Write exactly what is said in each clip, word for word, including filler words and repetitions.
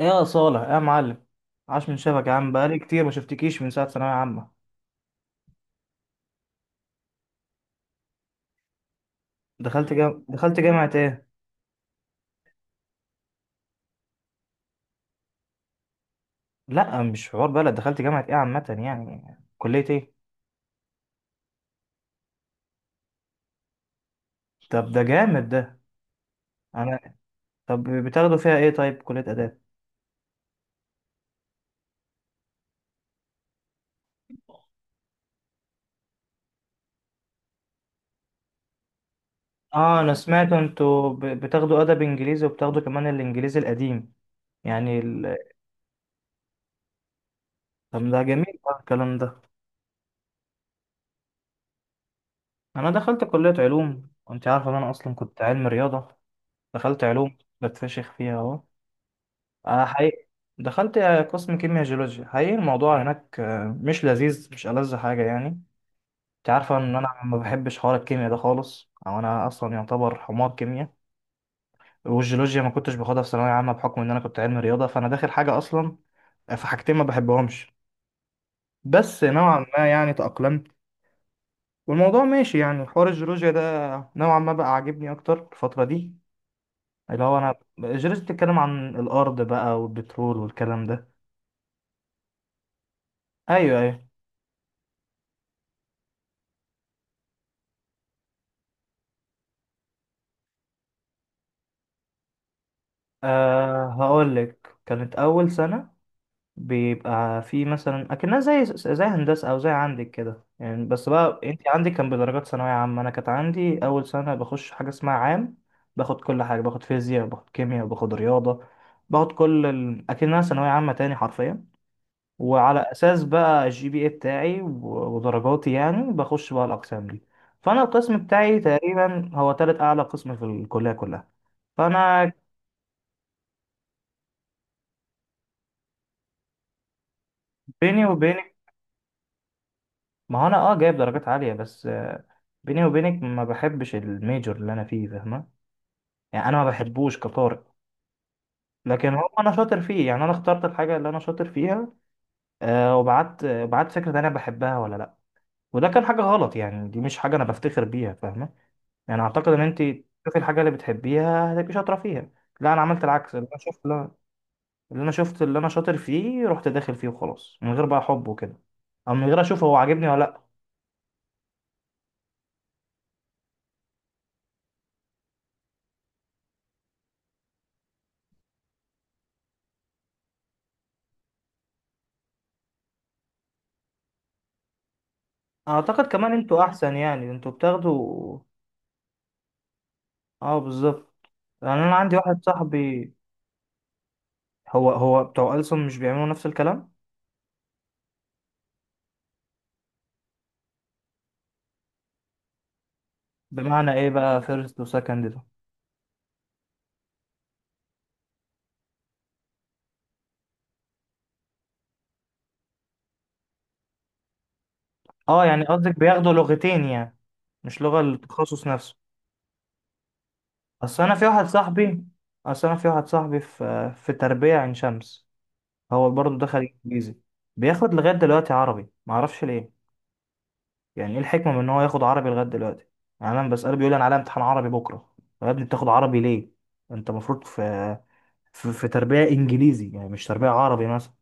يا صالح يا معلم، عاش من شافك يا عم. بقالي كتير ما شفتكيش من ساعة ثانوية عامة. دخلت جام... دخلت جامعة ايه؟ لا مش حوار بلد، دخلت جامعة ايه عامة يعني كلية ايه؟ طب ده جامد ده. انا... طب بتاخدوا فيها ايه طيب، كلية آداب؟ اه انا سمعت انتوا ب... بتاخدوا آداب انجليزي وبتاخدوا كمان الانجليزي القديم، يعني ال... طب ده جميل بقى الكلام ده. انا دخلت كلية علوم وانت عارفة ان انا اصلا كنت علم رياضة. دخلت علوم بتفشخ فيها اهو، أنا حقيقي. دخلت قسم كيمياء جيولوجيا، حقيقي الموضوع هناك آه، مش لذيذ، مش ألذ حاجة يعني. أنت عارفة إن أنا ما بحبش حوار الكيمياء ده خالص، أو أنا أصلا يعتبر حمار كيمياء. والجيولوجيا ما كنتش باخدها في ثانوية عامة بحكم إن أنا كنت علمي رياضة فأنا داخل حاجة أصلا، في حاجتين ما بحبهمش. بس نوعا ما يعني تأقلمت والموضوع ماشي، يعني حوار الجيولوجيا ده نوعا ما بقى عاجبني أكتر الفترة دي، اللي هو أنا الجيولوجيا بتتكلم عن الأرض بقى والبترول والكلام ده. أيوه، أيوه. أه، هقول لك، كانت أول سنة بيبقى في مثلا أكنها زي زي هندسة أو زي عندك كده يعني، بس بقى أنت عندك كان بدرجات ثانوية عامة، أنا كانت عندي أول سنة بخش حاجة اسمها عام. باخد كل حاجة، باخد فيزياء، باخد كيمياء، باخد رياضة، باخد كل ال... أكنها ثانوية عامة تاني حرفيا. وعلى أساس بقى الجي بي إيه بتاعي و- ودرجاتي يعني بخش بقى الأقسام دي. فأنا القسم بتاعي تقريبا هو تالت أعلى قسم في الكلية كلها. فأنا... بيني وبين... ما هو انا اه جايب درجات عالية بس آه، بيني وبينك ما بحبش الميجور اللي انا فيه، فاهمة. يعني انا ما بحبوش كطارئ، لكن هو انا شاطر فيه، يعني انا اخترت الحاجة اللي انا شاطر فيها. آه وبعت آه، بعت فكرة انا بحبها ولا لا. وده كان حاجة غلط، يعني دي مش حاجة انا بفتخر بيها فاهمة. يعني اعتقد ان انت تشوفي الحاجة اللي بتحبيها هتبقي شاطرة فيها. لا انا عملت العكس، اللي انا شفت. لا، اللي انا شفت اللي انا شاطر فيه رحت داخل فيه وخلاص، من غير بقى حب وكده، او من غير اشوف هو عاجبني ولا لا. اعتقد كمان انتوا احسن، يعني انتوا بتاخدوا. اه بالظبط. يعني انا عندي واحد صاحبي. هو هو بتوع ألسن مش بيعملوا نفس الكلام. بمعنى ايه بقى فيرست وسكند ده؟ اه يعني قصدك بياخدوا لغتين يعني، مش لغة التخصص نفسه. اصل انا في واحد صاحبي اصل انا في واحد صاحبي في في تربية عين شمس. هو برضه دخل انجليزي، بياخد لغاية دلوقتي عربي معرفش ليه. يعني ايه الحكمة من ان هو ياخد عربي لغاية دلوقتي؟ يعني انا بسأله بيقول لي انا عليا امتحان عربي بكرة. طب يا ابني بتاخد عربي ليه؟ انت المفروض في في في تربية انجليزي، يعني مش تربية عربي مثلا.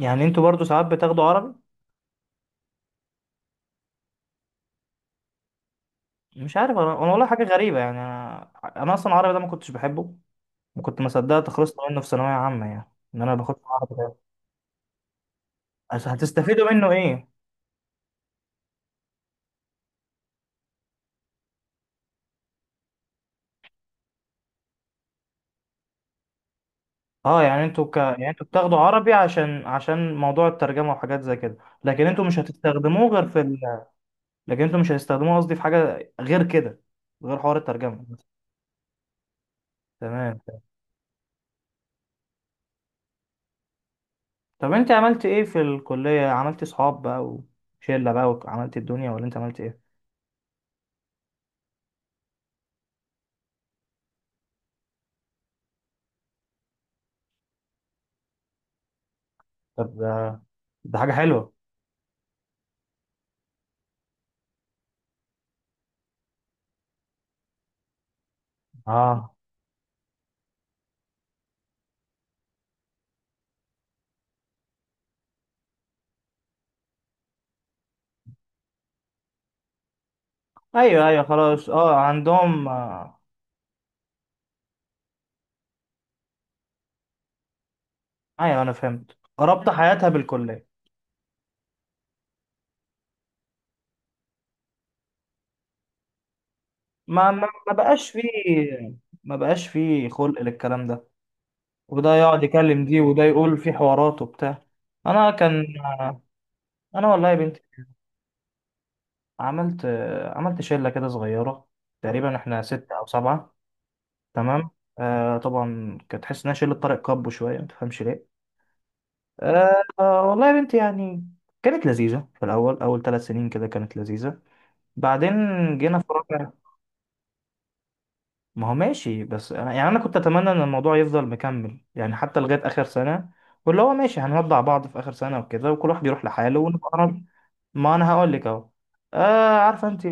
يعني انتوا برضو ساعات بتاخدوا عربي؟ مش عارف انا انا والله حاجه غريبه يعني انا. انا اصلا العربي ده ما كنتش بحبه، وكنت ما صدقت خلصت منه في ثانويه عامه، يعني ان انا باخد عربي ده. بس هتستفيدوا منه ايه؟ اه يعني انتوا ك... يعني انتوا بتاخدوا عربي عشان عشان موضوع الترجمه وحاجات زي كده. لكن انتوا مش هتستخدموه غير في ال... لكن انتوا مش هتستخدموه قصدي في حاجه غير كده، غير حوار الترجمه. تمام. طب انت عملت ايه في الكليه؟ عملت صحاب بقى وشله بقى وعملت الدنيا، ولا انت عملت ايه؟ طب ده ده حاجه حلوه. اه، ايوه، ايوه، خلاص. اه عندهم آه، ايوه، انا فهمت ربط حياتها بالكليه. ما ما ما بقاش فيه، ما بقاش فيه خلق للكلام ده. وده يقعد يكلم دي وده يقول في حوارات وبتاع. انا كان آه، انا والله يا بنتي عملت آه، عملت شله كده صغيره. تقريبا احنا ستة او سبعة. تمام. آه طبعا كانت تحس انها شله طارق كابو شويه ما تفهمش ليه. آه آه، والله يا بنتي يعني كانت لذيذه في الاول، اول ثلاث سنين كده كانت لذيذه. بعدين جينا في رابع. ما هو ماشي بس انا يعني انا كنت اتمنى ان الموضوع يفضل مكمل، يعني حتى لغايه اخر سنه، واللي هو ماشي هنودع بعض في اخر سنه وكده وكل واحد يروح لحاله ونبقى قرب-... ما انا هقول لك اهو. آه عارفه انت،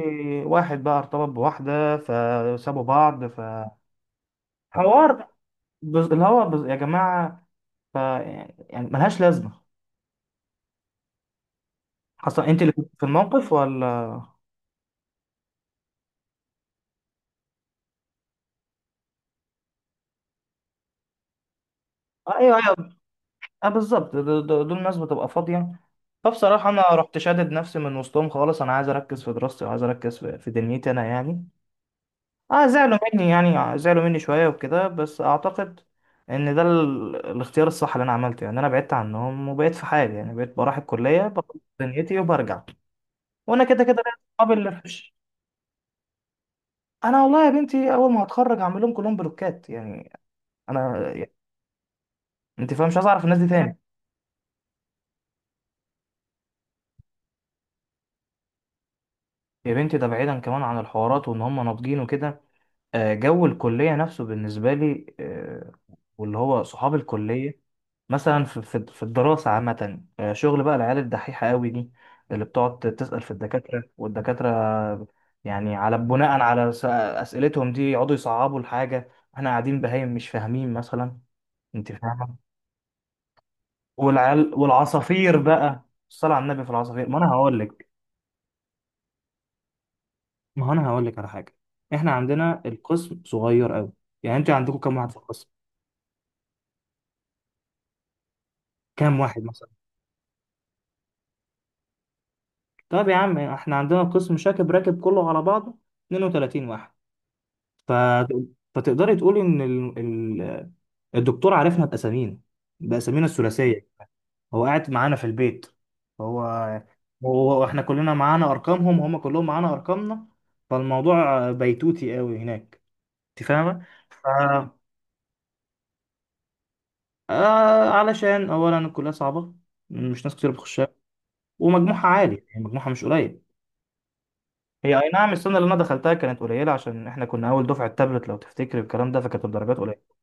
واحد بقى ارتبط بواحده فسابوا بعض. فحوار بز... اللي هو بز... يا جماعه، ف يعني ملهاش لازمه. حصل؟ انت اللي كنت في الموقف ولا آه، ايوه، ايوه، اه بالظبط. دول دول- دول ناس بتبقى فاضية. فبصراحة أنا رحت شادد نفسي من وسطهم خالص، أنا عايز أركز في دراستي وعايز أركز في في دنيتي أنا يعني. اه زعلوا مني يعني، آه، زعلوا مني شوية وكده، بس أعتقد إن ده ال... الاختيار الصح اللي أنا عملته. يعني أنا بعدت عنهم وبقيت في حالي، يعني بقيت بروح الكلية بخلص دنيتي وبرجع. وأنا كده كده ليا صحابي اللي في... أنا والله يا بنتي أول ما هتخرج هعمل لهم كلهم بلوكات، يعني أنا يعني أنت فاهم، مش عايز أعرف الناس دي تاني. يا بنتي ده بعيدا كمان عن الحوارات وإن هم ناضجين وكده. آه، جو الكلية نفسه بالنسبة لي آه، واللي هو صحاب الكلية مثلا في في في الدراسة عامة، آه، شغل بقى العيال الدحيحة قوي دي، اللي بتقعد تسأل في الدكاترة والدكاترة. يعني على بناء على س- أسئلتهم دي يقعدوا يصعبوا الحاجة، احنا قاعدين بهايم مش فاهمين مثلا، انت فاهمة. والعيال والعصافير بقى، الصلاة على النبي في العصافير، ما انا هقول لك. ما هو انا هقول لك على حاجة، احنا عندنا القسم صغير قوي. يعني انت عندكم كام واحد في القسم؟ كام واحد مثلا؟ طب يا عم احنا عندنا قسم شاكب راكب كله على بعضه، اثنان وثلاثون واحد. ف... فتقدري تقولي ان ال... ال... الدكتور عارفنا باسامينا، باسامينا الثلاثيه. هو قاعد معانا في البيت، هو هو احنا كلنا معانا ارقامهم، هم كلهم معانا ارقامنا. فالموضوع بيتوتي قوي هناك، انت فاهمه. ف... آه علشان اولا الكليه صعبه، مش ناس كتير بتخشها، ومجموعها عالي يعني مجموعها مش قليل. هي اي نعم السنه اللي انا دخلتها كانت قليله، عشان احنا كنا اول دفعه تابلت لو تفتكر الكلام ده، فكانت الدرجات قليله.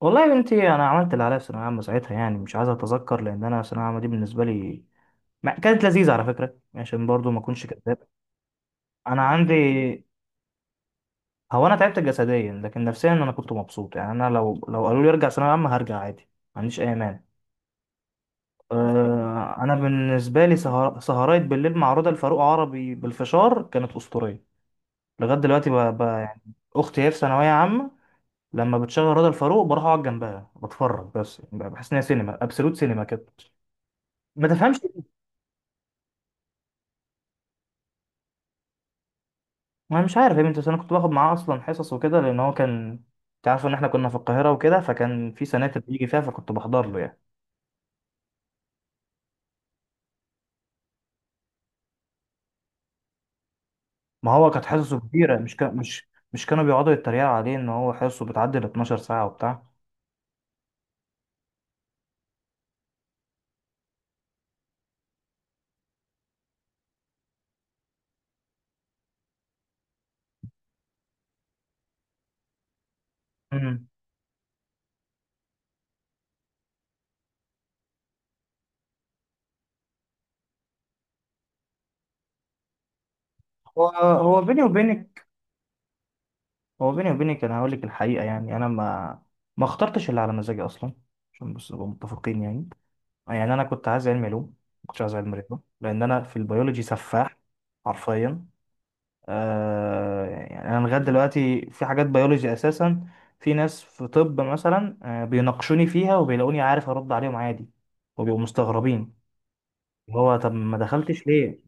والله يا بنتي انا عملت اللي عليا في ثانويه عامه ساعتها، يعني مش عايز اتذكر، لان انا ثانويه عامه دي بالنسبه لي ما كانت لذيذه على فكره، عشان برضو ما اكونش كذاب. انا عندي... هو انا تعبت جسديا لكن نفسيا انا كنت مبسوط، يعني انا لو لو قالوا لي ارجع ثانويه عامه هرجع عادي، ما عنديش اي مانع. أه، انا بالنسبه لي سهر... سهرات بالليل مع رضا الفاروق عربي بالفشار كانت اسطوريه. لغايه دلوقتي ب... ب... يعني اختي هي في ثانويه عامه، لما بتشغل رضا الفاروق بروح اقعد جنبها بتفرج بس، يعني بحس ان هي سينما، ابسولوت سينما كده، ما تفهمش ليه. انا مش عارف يا بنتي، بس انا كنت باخد معاه اصلا حصص وكده لان هو كان، انت عارف ان احنا كنا في القاهره وكده فكان في سناتر بيجي فيها فكنت بحضر له يعني. ما هو كانت حصصه كبيره، مش كان مش مش كانوا بيقعدوا يتريقوا عليه ان هو حصصه بتعدي ال اتناشر ساعه وبتاع. امم هو هو بيني وبينك هو بيني وبينك انا هقول لك الحقيقه، يعني انا ما ما اخترتش اللي على مزاجي اصلا، عشان بس نبقى متفقين يعني. يعني انا كنت عايز علم علوم ما كنتش عايز علم رياضه، لان انا في البيولوجي سفاح حرفيا. آه يعني انا لغايه دلوقتي في حاجات بيولوجي اساسا، في ناس في طب مثلا آه بيناقشوني فيها وبيلاقوني عارف ارد عليهم عادي، وبيبقوا مستغربين. اللي هو طب ما دخلتش ليه؟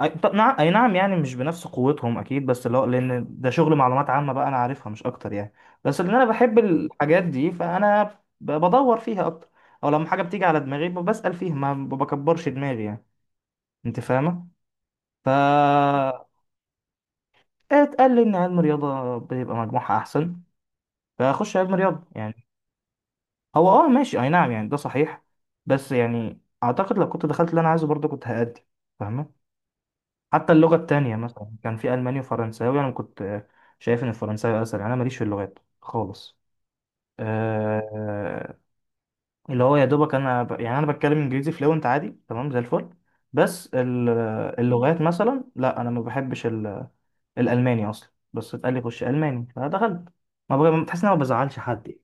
أي... طب نعم، اي نعم، يعني مش بنفس قوتهم اكيد، بس اللي هو لان ده شغل معلومات عامة بقى انا عارفها مش اكتر يعني. بس لان انا بحب الحاجات دي فانا ب- بدور فيها اكتر، او لما حاجة بتيجي على دماغي ب- بسأل فيها، ما ب- بكبرش دماغي يعني، انت فاهمة. ف اتقال لي ان علم رياضة بيبقى مجموعها احسن فاخش علم رياضة يعني. هو اه ماشي اي نعم، يعني ده صحيح، بس يعني اعتقد لو كنت دخلت اللي انا عايزه برضه كنت هأدي، فاهمة. حتى اللغة التانية مثلا كان في ألماني وفرنساوي، أنا كنت شايف إن الفرنساوي أسهل، أنا ماليش في اللغات خالص آه، اللي هو يا دوبك أنا ب... يعني أنا بتكلم إنجليزي فلوينت عادي تمام زي الفل، بس ال- اللغات مثلا لا أنا ما بحبش ال... الألماني أصلا، بس اتقال لي خش ألماني فدخلت. ما بغ... بتحس إن أنا ما بزعلش حد يعني.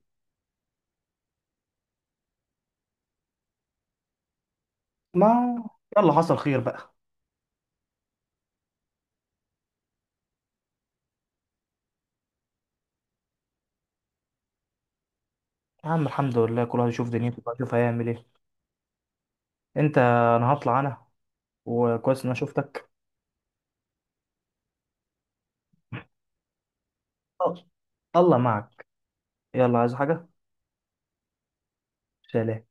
ما يلا، حصل خير بقى. يا عم الحمد لله، كل واحد يشوف دنيته بقى يشوف هيعمل إيه. أنت أنا هطلع أنا. وكويس إن أنا شفتك. آه، الله معك. يلا عايز حاجة؟ شالها.